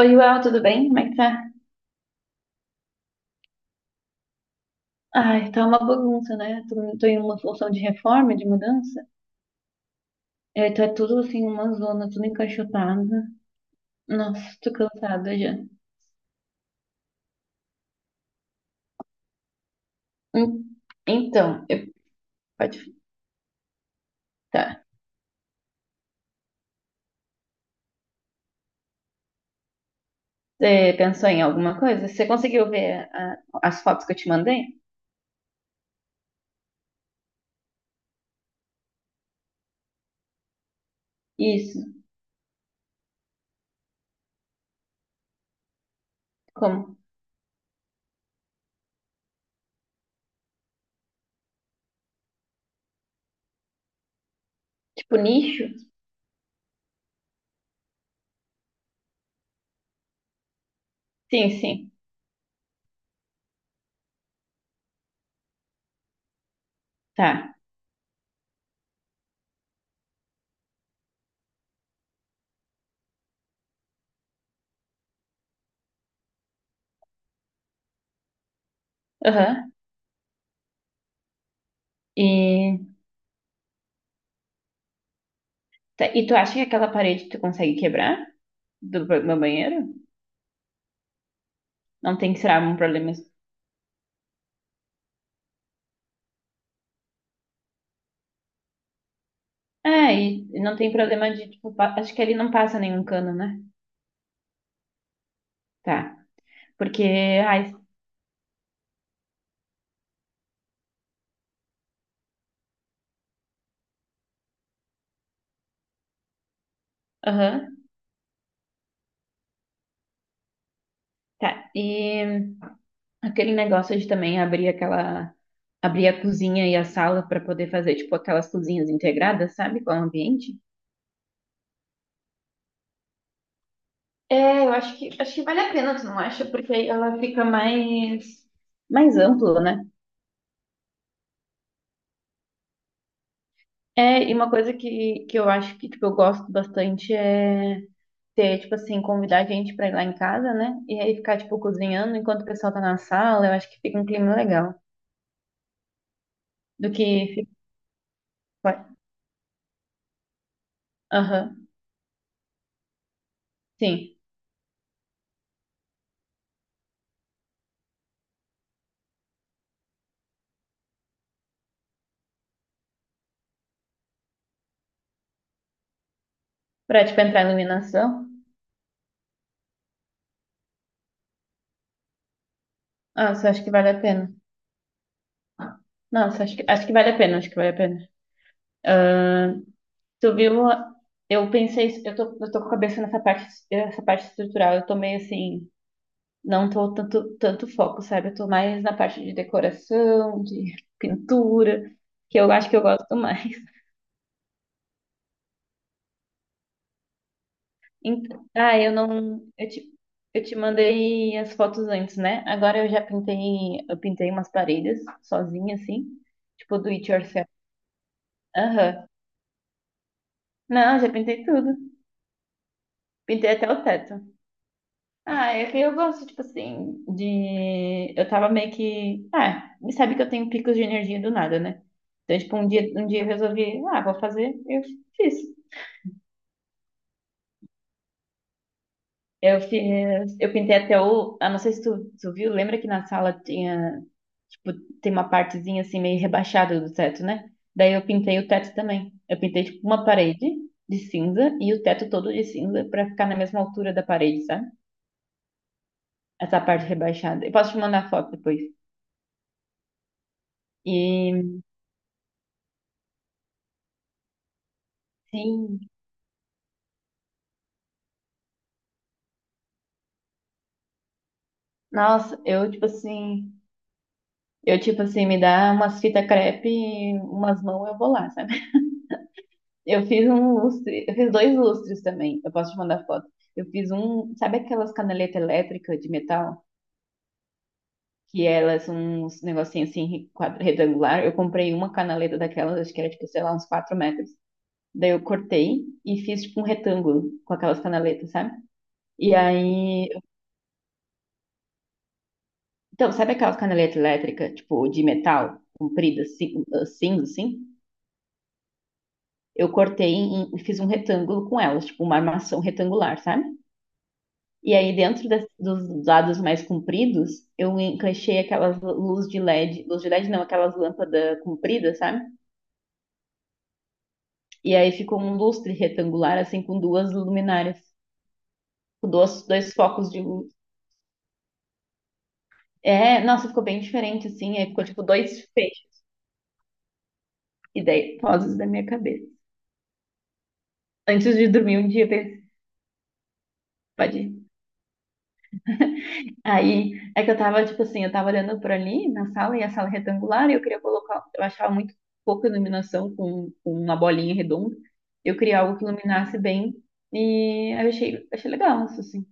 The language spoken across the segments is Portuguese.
Oi, Uel, tudo bem? Como é que tá? Ai, tá uma bagunça, né? Tô em uma função de reforma, de mudança. É, tá tudo assim, uma zona, tudo encaixotado. Nossa, tô cansada já. Hum. Então, eu... pode tá. Você pensou em alguma coisa? Você conseguiu ver as fotos que eu te mandei? Isso. Como? Tipo nicho? Sim, sim. Tá. Aham. E, tá. E tu acha que aquela parede tu consegue quebrar meu banheiro? Não tem que ser um problema. É, e não tem problema de, tipo, acho que ali não passa nenhum cano, né? Tá. Porque, ai, aham, tá. E aquele negócio de também abrir aquela, abrir a cozinha e a sala pra poder fazer, tipo, aquelas cozinhas integradas, sabe? Com o ambiente. É, eu acho que vale a pena, tu não acha? Porque aí ela fica mais ampla, né? É, e uma coisa que eu acho que, tipo, eu gosto bastante é ter, tipo assim, convidar a gente pra ir lá em casa, né? E aí ficar, tipo, cozinhando enquanto o pessoal tá na sala, eu acho que fica um clima legal. Do que fica. Aham, sim. Pra, tipo, entrar em iluminação. Ah, você acha que vale a pena? Nossa, acho que vale a pena, acho que vale a pena. Tu viu? Eu pensei, eu tô com a cabeça nessa parte, essa parte estrutural, eu tô meio assim, não tô tanto, tanto foco, sabe? Eu tô mais na parte de decoração, de pintura, que eu acho que eu gosto mais. Então, ah, eu não. Eu te mandei as fotos antes, né? Agora eu já pintei. Eu pintei umas paredes sozinha, assim. Tipo, do it yourself. Aham. Não, já pintei tudo. Pintei até o teto. Ah, é que eu gosto, tipo assim, de. Eu tava meio que. Ah, me sabe que eu tenho picos de energia do nada, né? Então, tipo, um dia eu resolvi, ah, vou fazer, eu fiz. Eu fiz, eu pintei até o, ah, não sei se tu viu, lembra que na sala tinha, tipo, tem uma partezinha assim meio rebaixada do teto, né? Daí eu pintei o teto também. Eu pintei tipo uma parede de cinza e o teto todo de cinza pra ficar na mesma altura da parede, sabe? Essa parte rebaixada. Eu posso te mandar foto depois. E sim, nossa, eu tipo assim me dá umas fitas crepe, e umas mãos eu vou lá, sabe? Eu fiz um lustre, eu fiz dois lustres também. Eu posso te mandar foto. Eu fiz um, sabe aquelas canaletas elétricas de metal? Que elas são uns negocinhos assim, retangular. Eu comprei uma canaleta daquelas, acho que era tipo, sei lá, uns 4 metros. Daí eu cortei e fiz tipo um retângulo com aquelas canaletas, sabe? E aí. Então, sabe aquelas canaletas elétricas, tipo, de metal, compridas, assim cinza, assim? Eu cortei e fiz um retângulo com elas, tipo, uma armação retangular, sabe? E aí, dentro dos dados mais compridos, eu encaixei aquelas luz de LED, luz de LED não, aquelas lâmpadas compridas, sabe? E aí ficou um lustre retangular, assim, com duas luminárias, com duas, dois focos de luz. É, nossa, ficou bem diferente, assim, aí ficou tipo dois feixes, ideias, vozes da minha cabeça. Antes de dormir um dia, eu pensei, pode ir. Aí é que eu tava, tipo assim, eu tava olhando por ali na sala e a sala é retangular e eu queria colocar, eu achava muito pouca iluminação com uma bolinha redonda. Eu queria algo que iluminasse bem e aí eu achei legal isso, assim.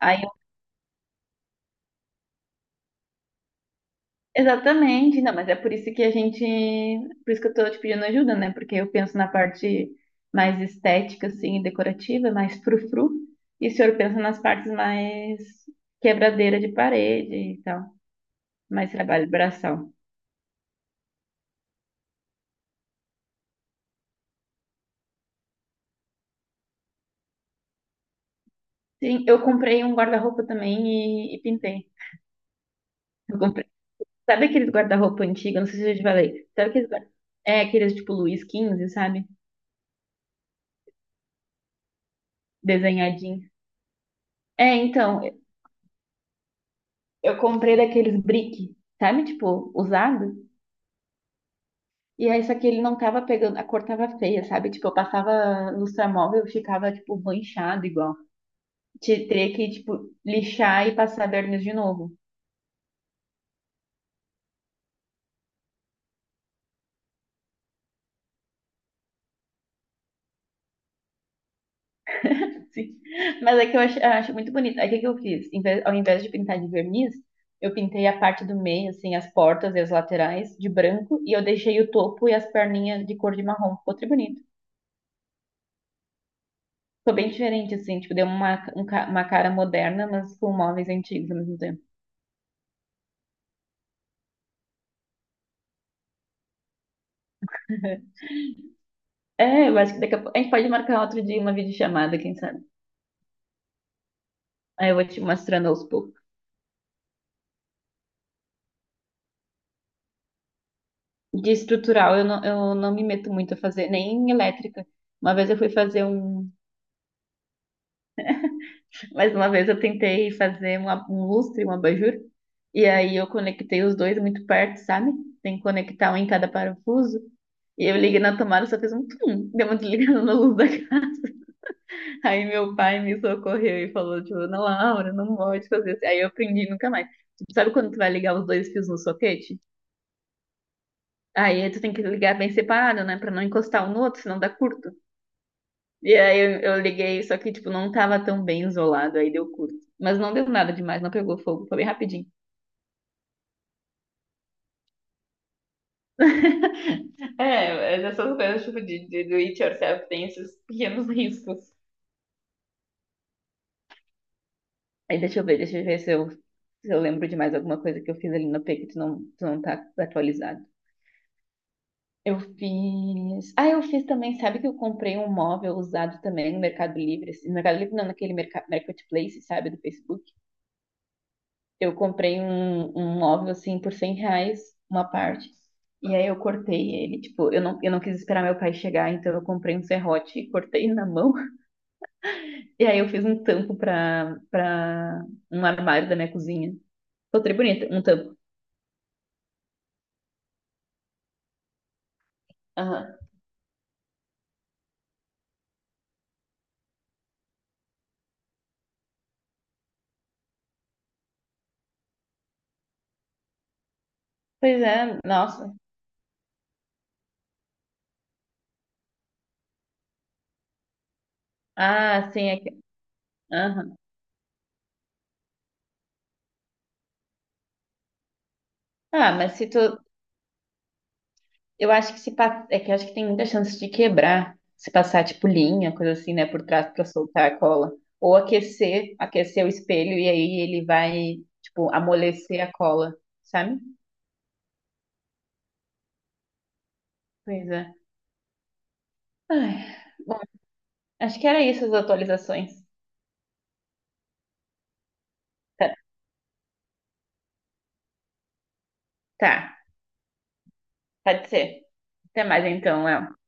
Aí, exatamente, não, mas é por isso que eu tô te pedindo ajuda, né? Porque eu penso na parte mais estética, assim, e decorativa, mais frufru, e o senhor pensa nas partes mais quebradeira de parede e tal, mais trabalho braçal. Sim, eu comprei um guarda-roupa também e pintei. Eu comprei. Sabe aqueles guarda-roupa antigo? Não sei se eu já te falei. É, aqueles tipo Luiz XV sabe? Desenhadinho. É, então, eu comprei daqueles brick, sabe? Tipo, usado. E aí, só que ele não tava pegando, a cor tava feia, sabe? Tipo, eu passava lustramóvel e ficava, tipo, manchado igual. Teria que, tipo, lixar e passar verniz de novo. Sim. Mas é que eu acho muito bonito. Aí o que que eu fiz? Ao invés de pintar de verniz, eu pintei a parte do meio, assim, as portas e as laterais de branco, e eu deixei o topo e as perninhas de cor de marrom. Ficou tri bonito. Ficou bem diferente, assim, tipo, deu uma, uma cara moderna, mas com móveis antigos ao mesmo tempo. É, eu acho que daqui a pouco. A gente pode marcar outro dia uma videochamada, quem sabe? Aí eu vou te mostrando aos poucos. De estrutural, eu não me meto muito a fazer, nem em elétrica. Uma vez eu fui fazer um. Mas uma vez eu tentei fazer um lustre, um abajur, e aí eu conectei os dois muito perto, sabe? Tem que conectar um em cada parafuso. E eu liguei na tomada, só fez um tum, deu uma desligada na luz da casa. Aí meu pai me socorreu e falou, tipo, não, Laura, não pode fazer isso. Aí eu aprendi nunca mais. Tipo, sabe quando tu vai ligar os dois fios no soquete? Aí tu tem que ligar bem separado, né? Pra não encostar um no outro, senão dá curto. E aí eu liguei, só que, tipo, não tava tão bem isolado, aí deu curto. Mas não deu nada demais, não pegou fogo, foi bem rapidinho. É, mas essas coisas tipo de do it yourself tem esses pequenos riscos. Aí deixa eu ver se eu lembro de mais alguma coisa que eu fiz ali no P que tu não tá atualizado. Eu fiz. Ah, eu fiz também. Sabe que eu comprei um móvel usado também no Mercado Livre? Assim, no Mercado Livre, não, naquele Marketplace, sabe, do Facebook. Eu comprei um móvel assim por R$ 100, uma parte. E aí eu cortei ele. Tipo, eu não quis esperar meu pai chegar, então eu comprei um serrote e cortei na mão. E aí eu fiz um tampo pra um armário da minha cozinha. Ficou tri bonito, um tampo. Aham. Pois é, nossa. Ah, sim, é que. Aham. Ah, mas se tu. Eu acho que se pa- é que eu acho que tem muita chance de quebrar. Se passar, tipo, linha, coisa assim, né? Por trás pra soltar a cola. Ou aquecer o espelho e aí ele vai, tipo, amolecer a cola, sabe? Pois é. Ai, bom, acho que era isso as atualizações. Tá, tá, pode ser. Até mais então, Léo.